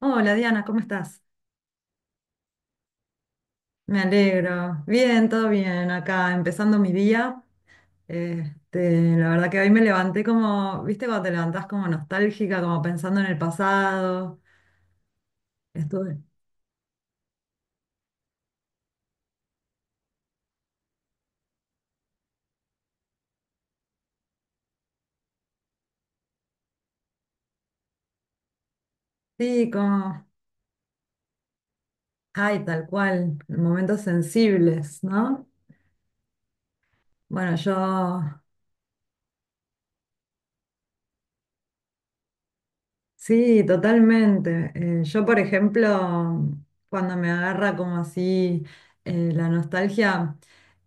Hola Diana, ¿cómo estás? Me alegro. Bien, todo bien acá, empezando mi día. Este, la verdad que hoy me levanté como, viste, cuando te levantás como nostálgica, como pensando en el pasado. Estuve, sí, como, ay, tal cual, momentos sensibles, ¿no? Bueno, yo. Sí, totalmente. Yo, por ejemplo, cuando me agarra como así la nostalgia,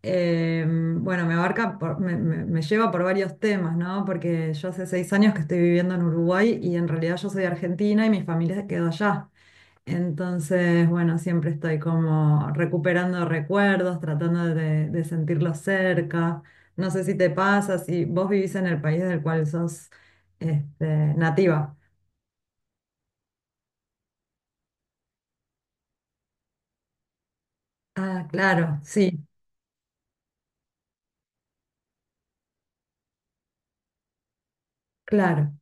bueno, me abarca, me lleva por varios temas, ¿no? Porque yo hace 6 años que estoy viviendo en Uruguay, y en realidad yo soy argentina y mi familia se quedó allá. Entonces, bueno, siempre estoy como recuperando recuerdos, tratando de sentirlos cerca. No sé si te pasa, si vos vivís en el país del cual sos, este, nativa. Ah, claro, sí, claro.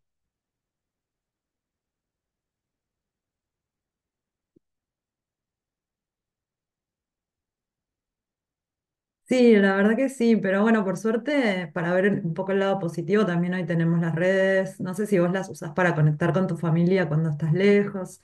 Sí, la verdad que sí, pero bueno, por suerte, para ver un poco el lado positivo, también hoy tenemos las redes. No sé si vos las usás para conectar con tu familia cuando estás lejos.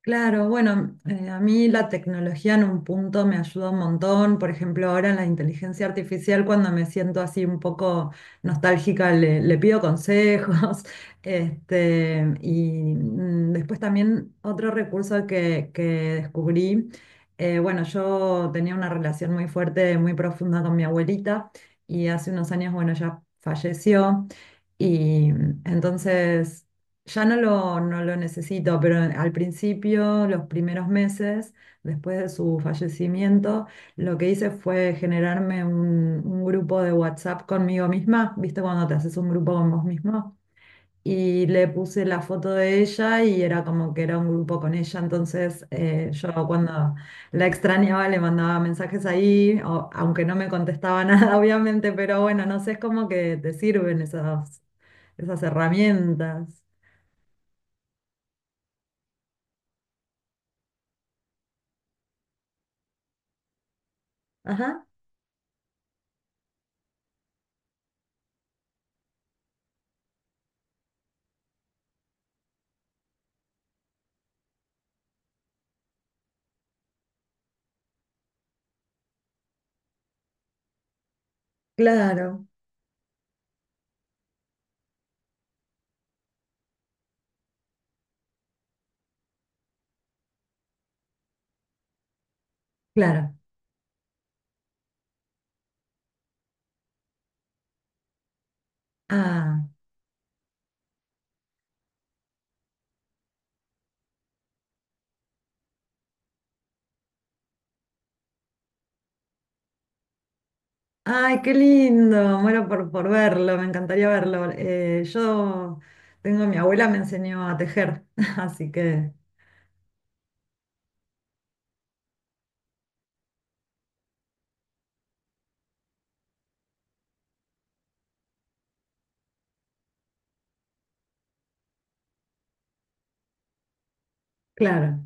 Claro, bueno, a mí la tecnología en un punto me ayuda un montón. Por ejemplo, ahora en la inteligencia artificial, cuando me siento así un poco nostálgica, le pido consejos. Este, y después también otro recurso que descubrí, bueno, yo tenía una relación muy fuerte, muy profunda con mi abuelita, y hace unos años, bueno, ella falleció. Y entonces ya no lo necesito, pero al principio, los primeros meses, después de su fallecimiento, lo que hice fue generarme un grupo de WhatsApp conmigo misma, ¿viste? Cuando te haces un grupo con vos mismo. Y le puse la foto de ella, y era como que era un grupo con ella. Entonces, yo cuando la extrañaba le mandaba mensajes ahí, aunque no me contestaba nada, obviamente, pero bueno, no sé, es como que te sirven esas, esas herramientas. Ajá. Claro, claro. Ah, ay, qué lindo. Muero por verlo, me encantaría verlo. Yo tengo, mi abuela me enseñó a tejer, así que, claro.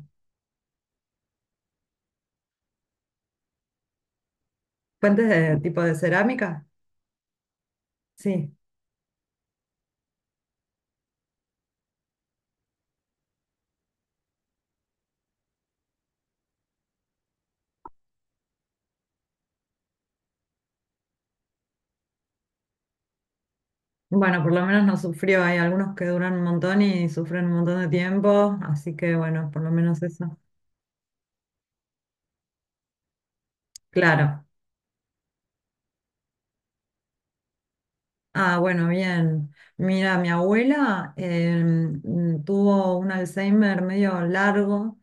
Fuentes de tipo de cerámica, sí. Bueno, por lo menos no sufrió. Hay algunos que duran un montón y sufren un montón de tiempo, así que bueno, por lo menos eso. Claro. Ah, bueno, bien. Mira, mi abuela tuvo un Alzheimer medio largo.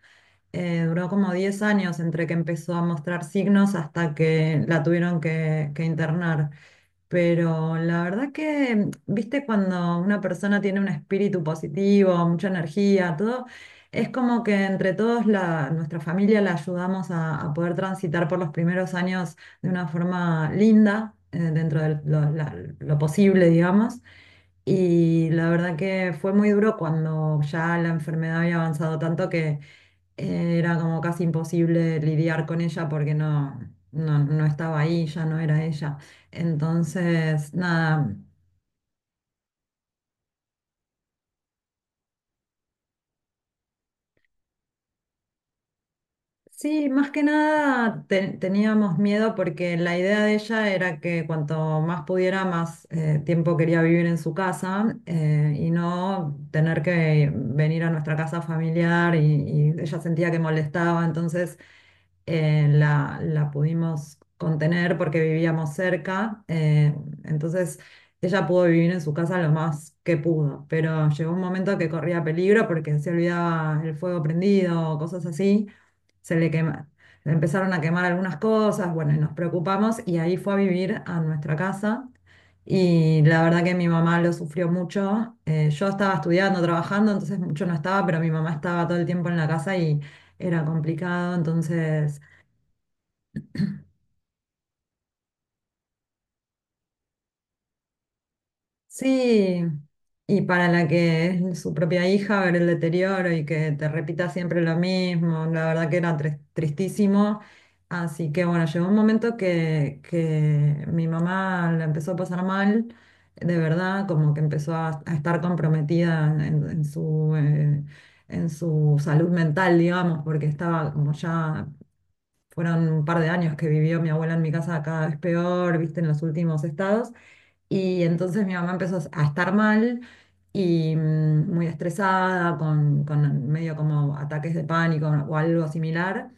Duró como 10 años entre que empezó a mostrar signos hasta que la tuvieron que internar. Pero la verdad que, viste, cuando una persona tiene un espíritu positivo, mucha energía, todo, es como que entre todos la, nuestra familia la ayudamos a poder transitar por los primeros años de una forma linda, dentro de lo posible, digamos. Y la verdad que fue muy duro cuando ya la enfermedad había avanzado tanto que era como casi imposible lidiar con ella porque no, no estaba ahí, ya no era ella. Entonces, nada, sí, más que nada teníamos miedo porque la idea de ella era que cuanto más pudiera, más tiempo quería vivir en su casa, y no tener que venir a nuestra casa familiar, y ella sentía que molestaba, entonces la pudimos contener porque vivíamos cerca, entonces ella pudo vivir en su casa lo más que pudo, pero llegó un momento que corría peligro porque se olvidaba el fuego prendido, cosas así, se le quema- le empezaron a quemar algunas cosas, bueno, y nos preocupamos, y ahí fue a vivir a nuestra casa. Y la verdad que mi mamá lo sufrió mucho. Yo estaba estudiando, trabajando, entonces mucho no estaba, pero mi mamá estaba todo el tiempo en la casa, y era complicado. Entonces sí, y para la que es su propia hija, ver el deterioro y que te repita siempre lo mismo, la verdad que era tristísimo. Así que bueno, llegó un momento que mi mamá la empezó a pasar mal, de verdad, como que empezó a estar comprometida en su salud mental, digamos, porque estaba como ya, fueron un par de años que vivió mi abuela en mi casa cada vez peor, viste, en los últimos estados. Y entonces mi mamá empezó a estar mal y muy estresada, con medio como ataques de pánico o algo similar.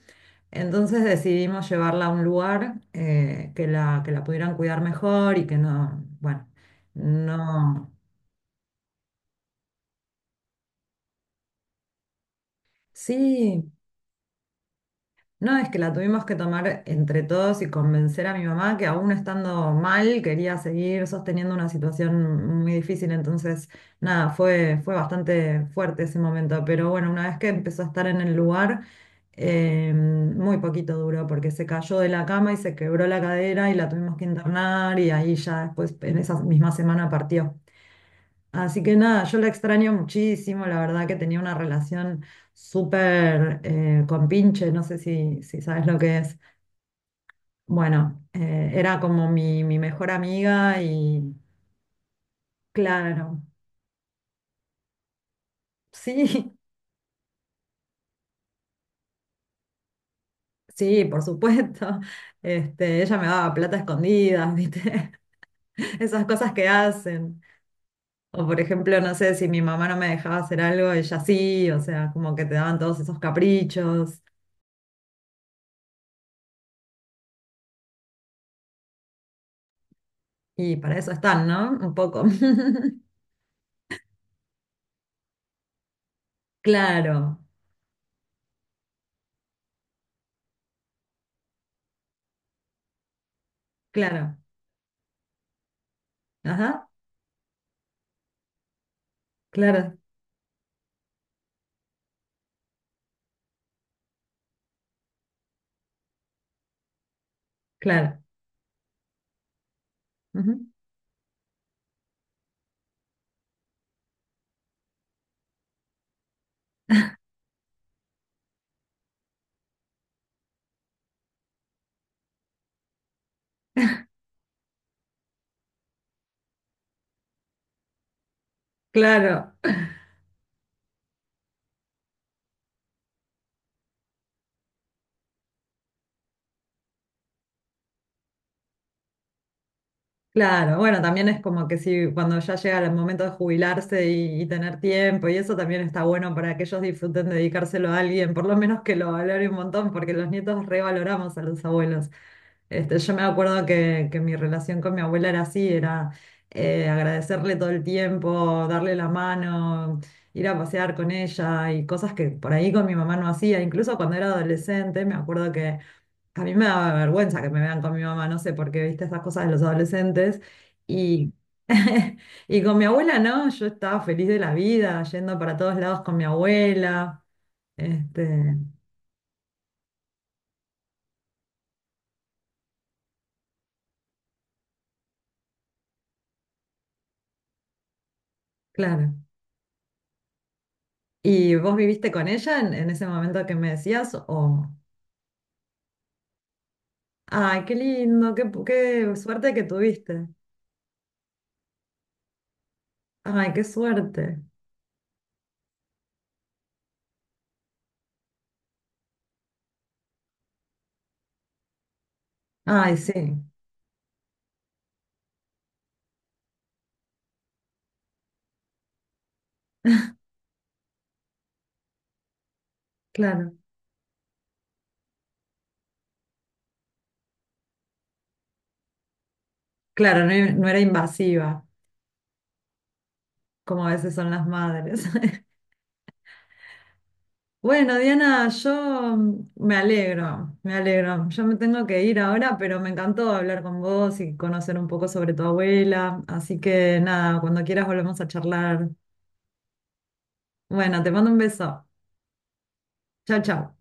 Entonces decidimos llevarla a un lugar, que la pudieran cuidar mejor, y que no, bueno, no. Sí. No, es que la tuvimos que tomar entre todos y convencer a mi mamá que aún estando mal quería seguir sosteniendo una situación muy difícil. Entonces, nada, fue bastante fuerte ese momento. Pero bueno, una vez que empezó a estar en el lugar, muy poquito duró porque se cayó de la cama y se quebró la cadera, y la tuvimos que internar, y ahí ya después, en esa misma semana, partió. Así que nada, yo la extraño muchísimo, la verdad que tenía una relación súper con Pinche, no sé si sabes lo que es. Bueno, era como mi mejor amiga, y claro, sí, sí, por supuesto. Este, ella me daba plata escondida, ¿viste? Esas cosas que hacen. O por ejemplo, no sé, si mi mamá no me dejaba hacer algo, ella sí, o sea, como que te daban todos esos caprichos, y para eso están, ¿no? Un poco. Claro, claro, ajá, claro, claro, ujú, claro. Claro, bueno, también es como que si cuando ya llega el momento de jubilarse y tener tiempo y eso, también está bueno para que ellos disfruten de dedicárselo a alguien, por lo menos que lo valore un montón, porque los nietos revaloramos a los abuelos. Este, yo me acuerdo que mi relación con mi abuela era así, era agradecerle todo el tiempo, darle la mano, ir a pasear con ella, y cosas que por ahí con mi mamá no hacía. Incluso cuando era adolescente, me acuerdo que a mí me daba vergüenza que me vean con mi mamá, no sé por qué, viste esas cosas de los adolescentes. Y y con mi abuela, no, yo estaba feliz de la vida, yendo para todos lados con mi abuela. Este, claro. ¿Y vos viviste con ella en ese momento que me decías? O, ay, qué lindo, qué suerte que tuviste. Ay, qué suerte. Ay, sí, claro. Claro, no, no era invasiva, como a veces son las madres. Bueno, Diana, yo me alegro, me alegro. Yo me tengo que ir ahora, pero me encantó hablar con vos y conocer un poco sobre tu abuela. Así que nada, cuando quieras volvemos a charlar. Bueno, te mando un beso. Chao, chao.